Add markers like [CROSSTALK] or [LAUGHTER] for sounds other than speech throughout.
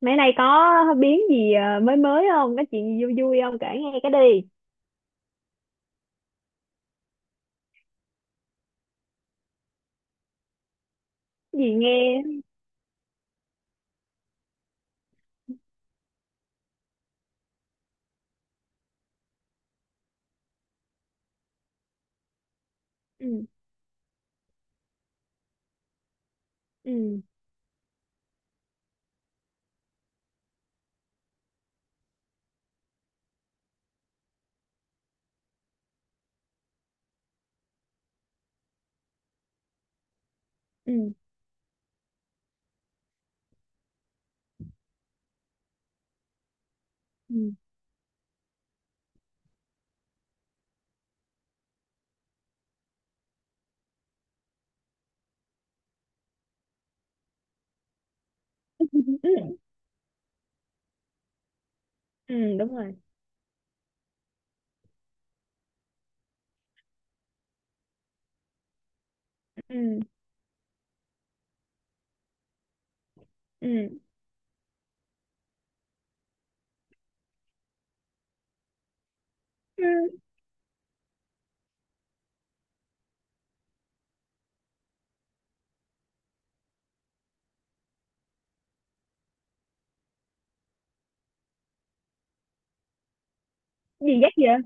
Mấy nay có biến gì mới mới không? Có chuyện gì vui vui không? Kể nghe cái đi. Cái gì nghe? Ừ, ừ, ừ, ừ, [LAUGHS] ừ, ừ, đúng rồi. Ừ, ừ, ừ. Gì dắt vậy?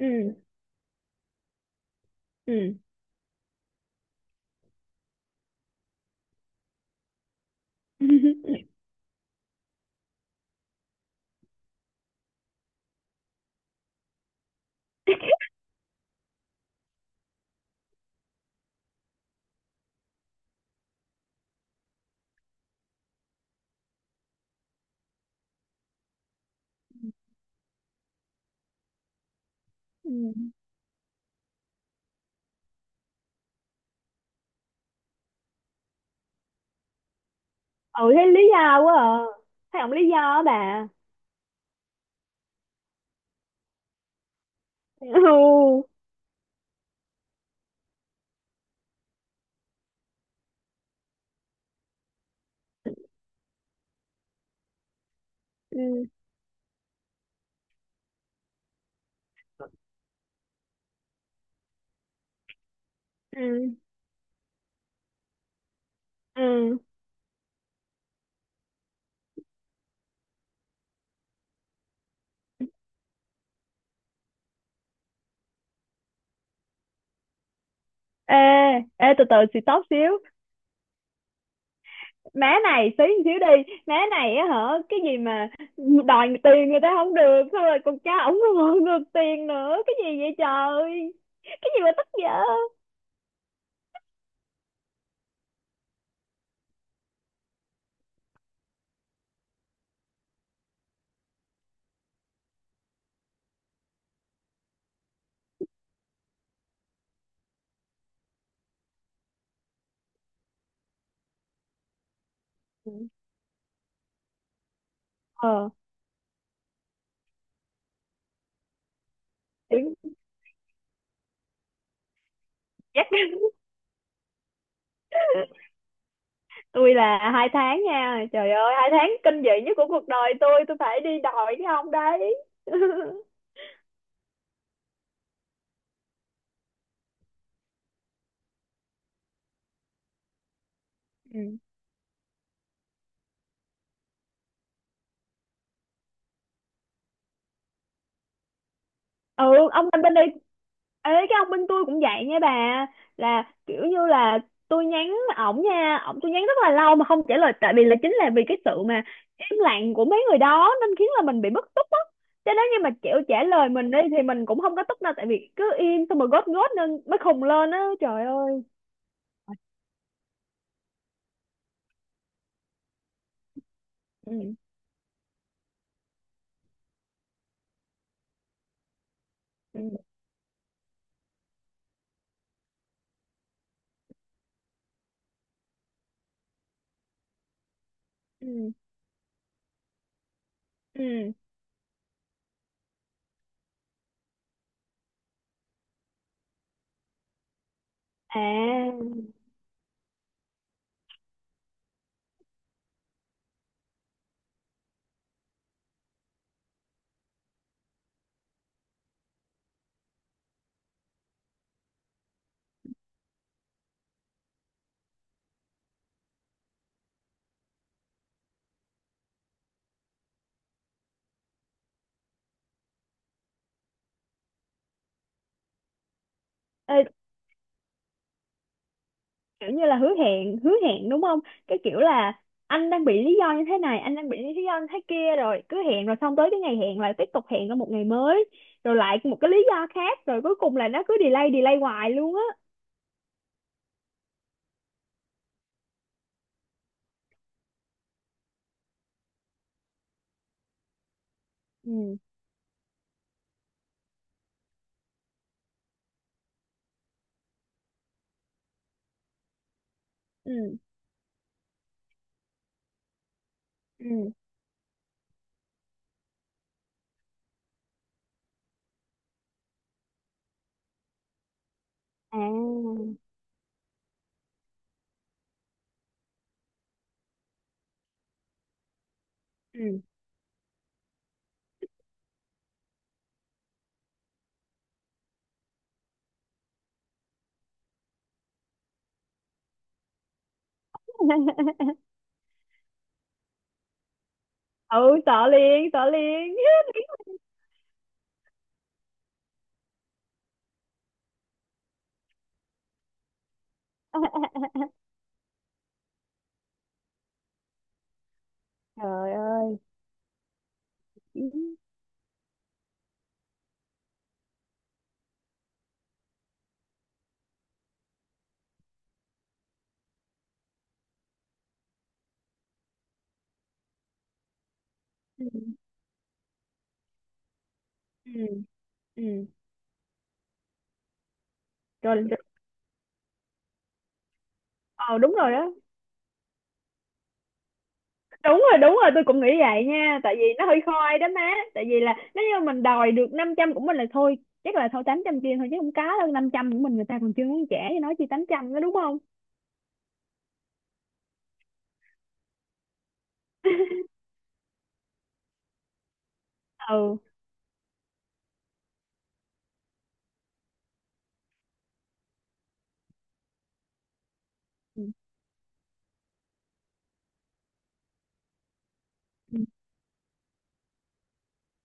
Ừ, ừ. [LAUGHS] Ừ, ừ, thấy lý do quá à. Thấy ổng lý do á bà. [LAUGHS] Ừ, ừ, ừ, ừ. Ê, ê, từ từ xì tóc xíu. Má này xí xíu đi má này, á hả, cái gì mà đòi tiền người ta không được, xong rồi còn cha ổng còn ngược tiền nữa, cái gì vậy trời, cái gì mà tức dở. Ừ. ờ Tiếng. Chắc. [LAUGHS] Tôi là 2 tháng nha, trời ơi, 2 tháng kinh dị nhất của cuộc đời Tôi phải đi đòi cái ông đấy. [LAUGHS] Ừ. Ừ, ông anh bên đây, ấy cái ông bên tôi cũng vậy nha bà, là kiểu như là tôi nhắn ổng nha, ổng tôi nhắn rất là lâu mà không trả lời, tại vì là chính là vì cái sự mà im lặng của mấy người đó nên khiến là mình bị bức xúc á. Cho nên như mà chịu trả lời mình đi thì mình cũng không có tức đâu, tại vì cứ im xong rồi gót gót nên mới khùng lên á, trời ơi. Ừ, ừ, ừ, ừ, à, ê, kiểu như là hứa hẹn đúng không, cái kiểu là anh đang bị lý do như thế này, anh đang bị lý do như thế kia, rồi cứ hẹn, rồi xong tới cái ngày hẹn lại tiếp tục hẹn ở một ngày mới, rồi lại một cái lý do khác, rồi cuối cùng là nó cứ delay delay hoài luôn á. Ừ, ừ, ừ, à, ừ. [LAUGHS] Ừ, sợ liền sợ liền. [LAUGHS] Trời ơi. Ừ, ừ, ừ. rồi rồi- Ờ, đúng rồi đó. Đúng rồi, đúng rồi, tôi cũng nghĩ vậy nha, tại vì nó hơi khoai đó má. Tại vì là nếu như mình đòi được 500 của mình là thôi, chắc là thôi 800 chia thôi chứ không có đâu, 500 của mình người ta còn chưa muốn trả cho nó chi 800 đó, đúng không? [LAUGHS] Ừ, ừ,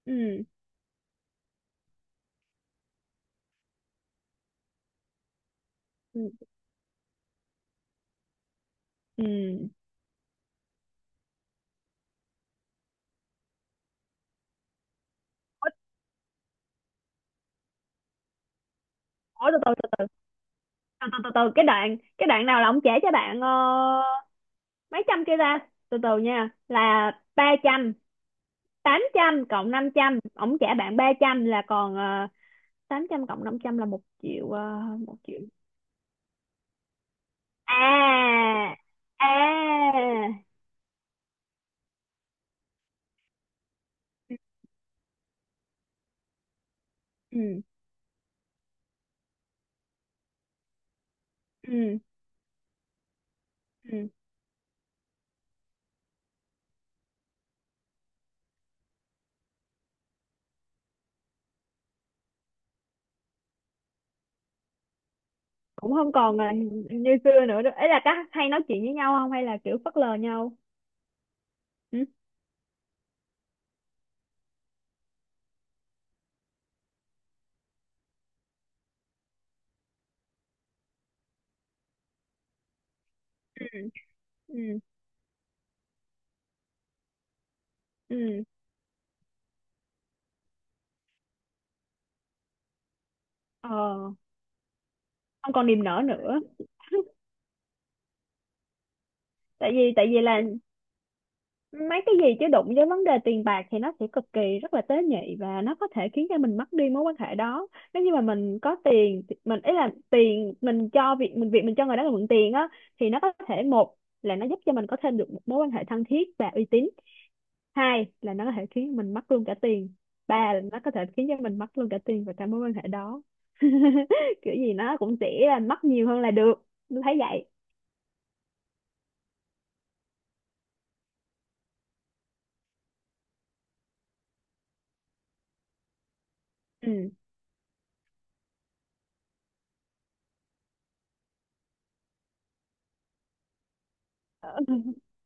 ừ, ừ, ừ. Ủa, từ từ từ từ từ từ từ, cái đoạn nào là ông trả cho bạn mấy trăm kia ta, từ từ nha, là 300, 800 cộng 500 ông trả bạn 300 là còn 800 cộng 500 là 1 triệu, 1 triệu. À, à, ừ, ừ, ừ, cũng không còn là như xưa nữa đâu, ấy là các hay nói chuyện với nhau không hay là kiểu phớt lờ nhau. Ừ, ừ, ừ, ừ, ờ, không còn niềm nở nữa. [LAUGHS] Tại vì là mấy cái gì chứ đụng với vấn đề tiền bạc thì nó sẽ cực kỳ rất là tế nhị, và nó có thể khiến cho mình mất đi mối quan hệ đó. Nếu như mà mình có tiền mình ý là tiền mình cho việc mình cho người đó là mượn tiền á, thì nó có thể, một là nó giúp cho mình có thêm được một mối quan hệ thân thiết và uy tín, hai là nó có thể khiến mình mất luôn cả tiền, ba là nó có thể khiến cho mình mất luôn cả tiền và cả mối quan hệ đó. [LAUGHS] Kiểu gì nó cũng sẽ là mất nhiều hơn là được, tôi thấy vậy. Ừ. [LAUGHS]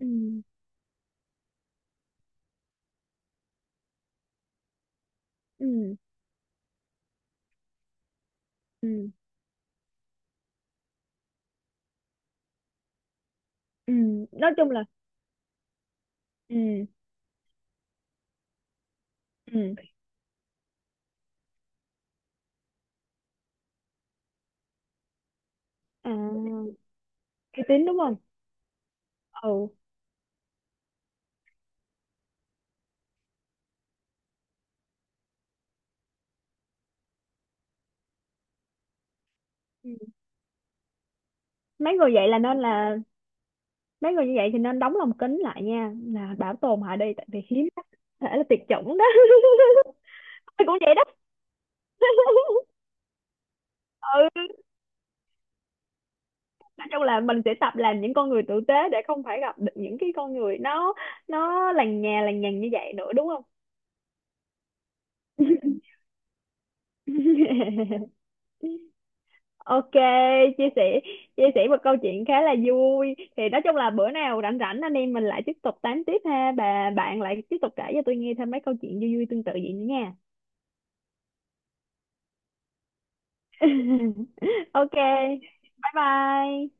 Ừ, ừ, ừ, ừ. Nói chung là ừ, ừ, à, uy tín đúng không? Ừ. Ừ. Mấy người vậy là nên là mấy người như vậy thì nên đóng lồng kính lại nha, là bảo tồn họ đi tại vì hiếm lắm, thể là tuyệt chủng đó. [LAUGHS] Tôi cũng vậy đó. [LAUGHS] Ừ, nói chung là mình sẽ tập làm những con người tử tế để không phải gặp được những cái con người nó lằng nhà lằng nhằng như vậy nữa đúng không? [LAUGHS] Ok, chia sẻ chia sẻ một câu chuyện khá là vui. Thì nói chung là bữa nào rảnh rảnh anh em mình lại tiếp tục tám tiếp ha. Bà bạn lại tiếp tục kể cho tôi nghe thêm mấy câu chuyện vui vui tương tự vậy nữa nha. [LAUGHS] Ok, bye bye.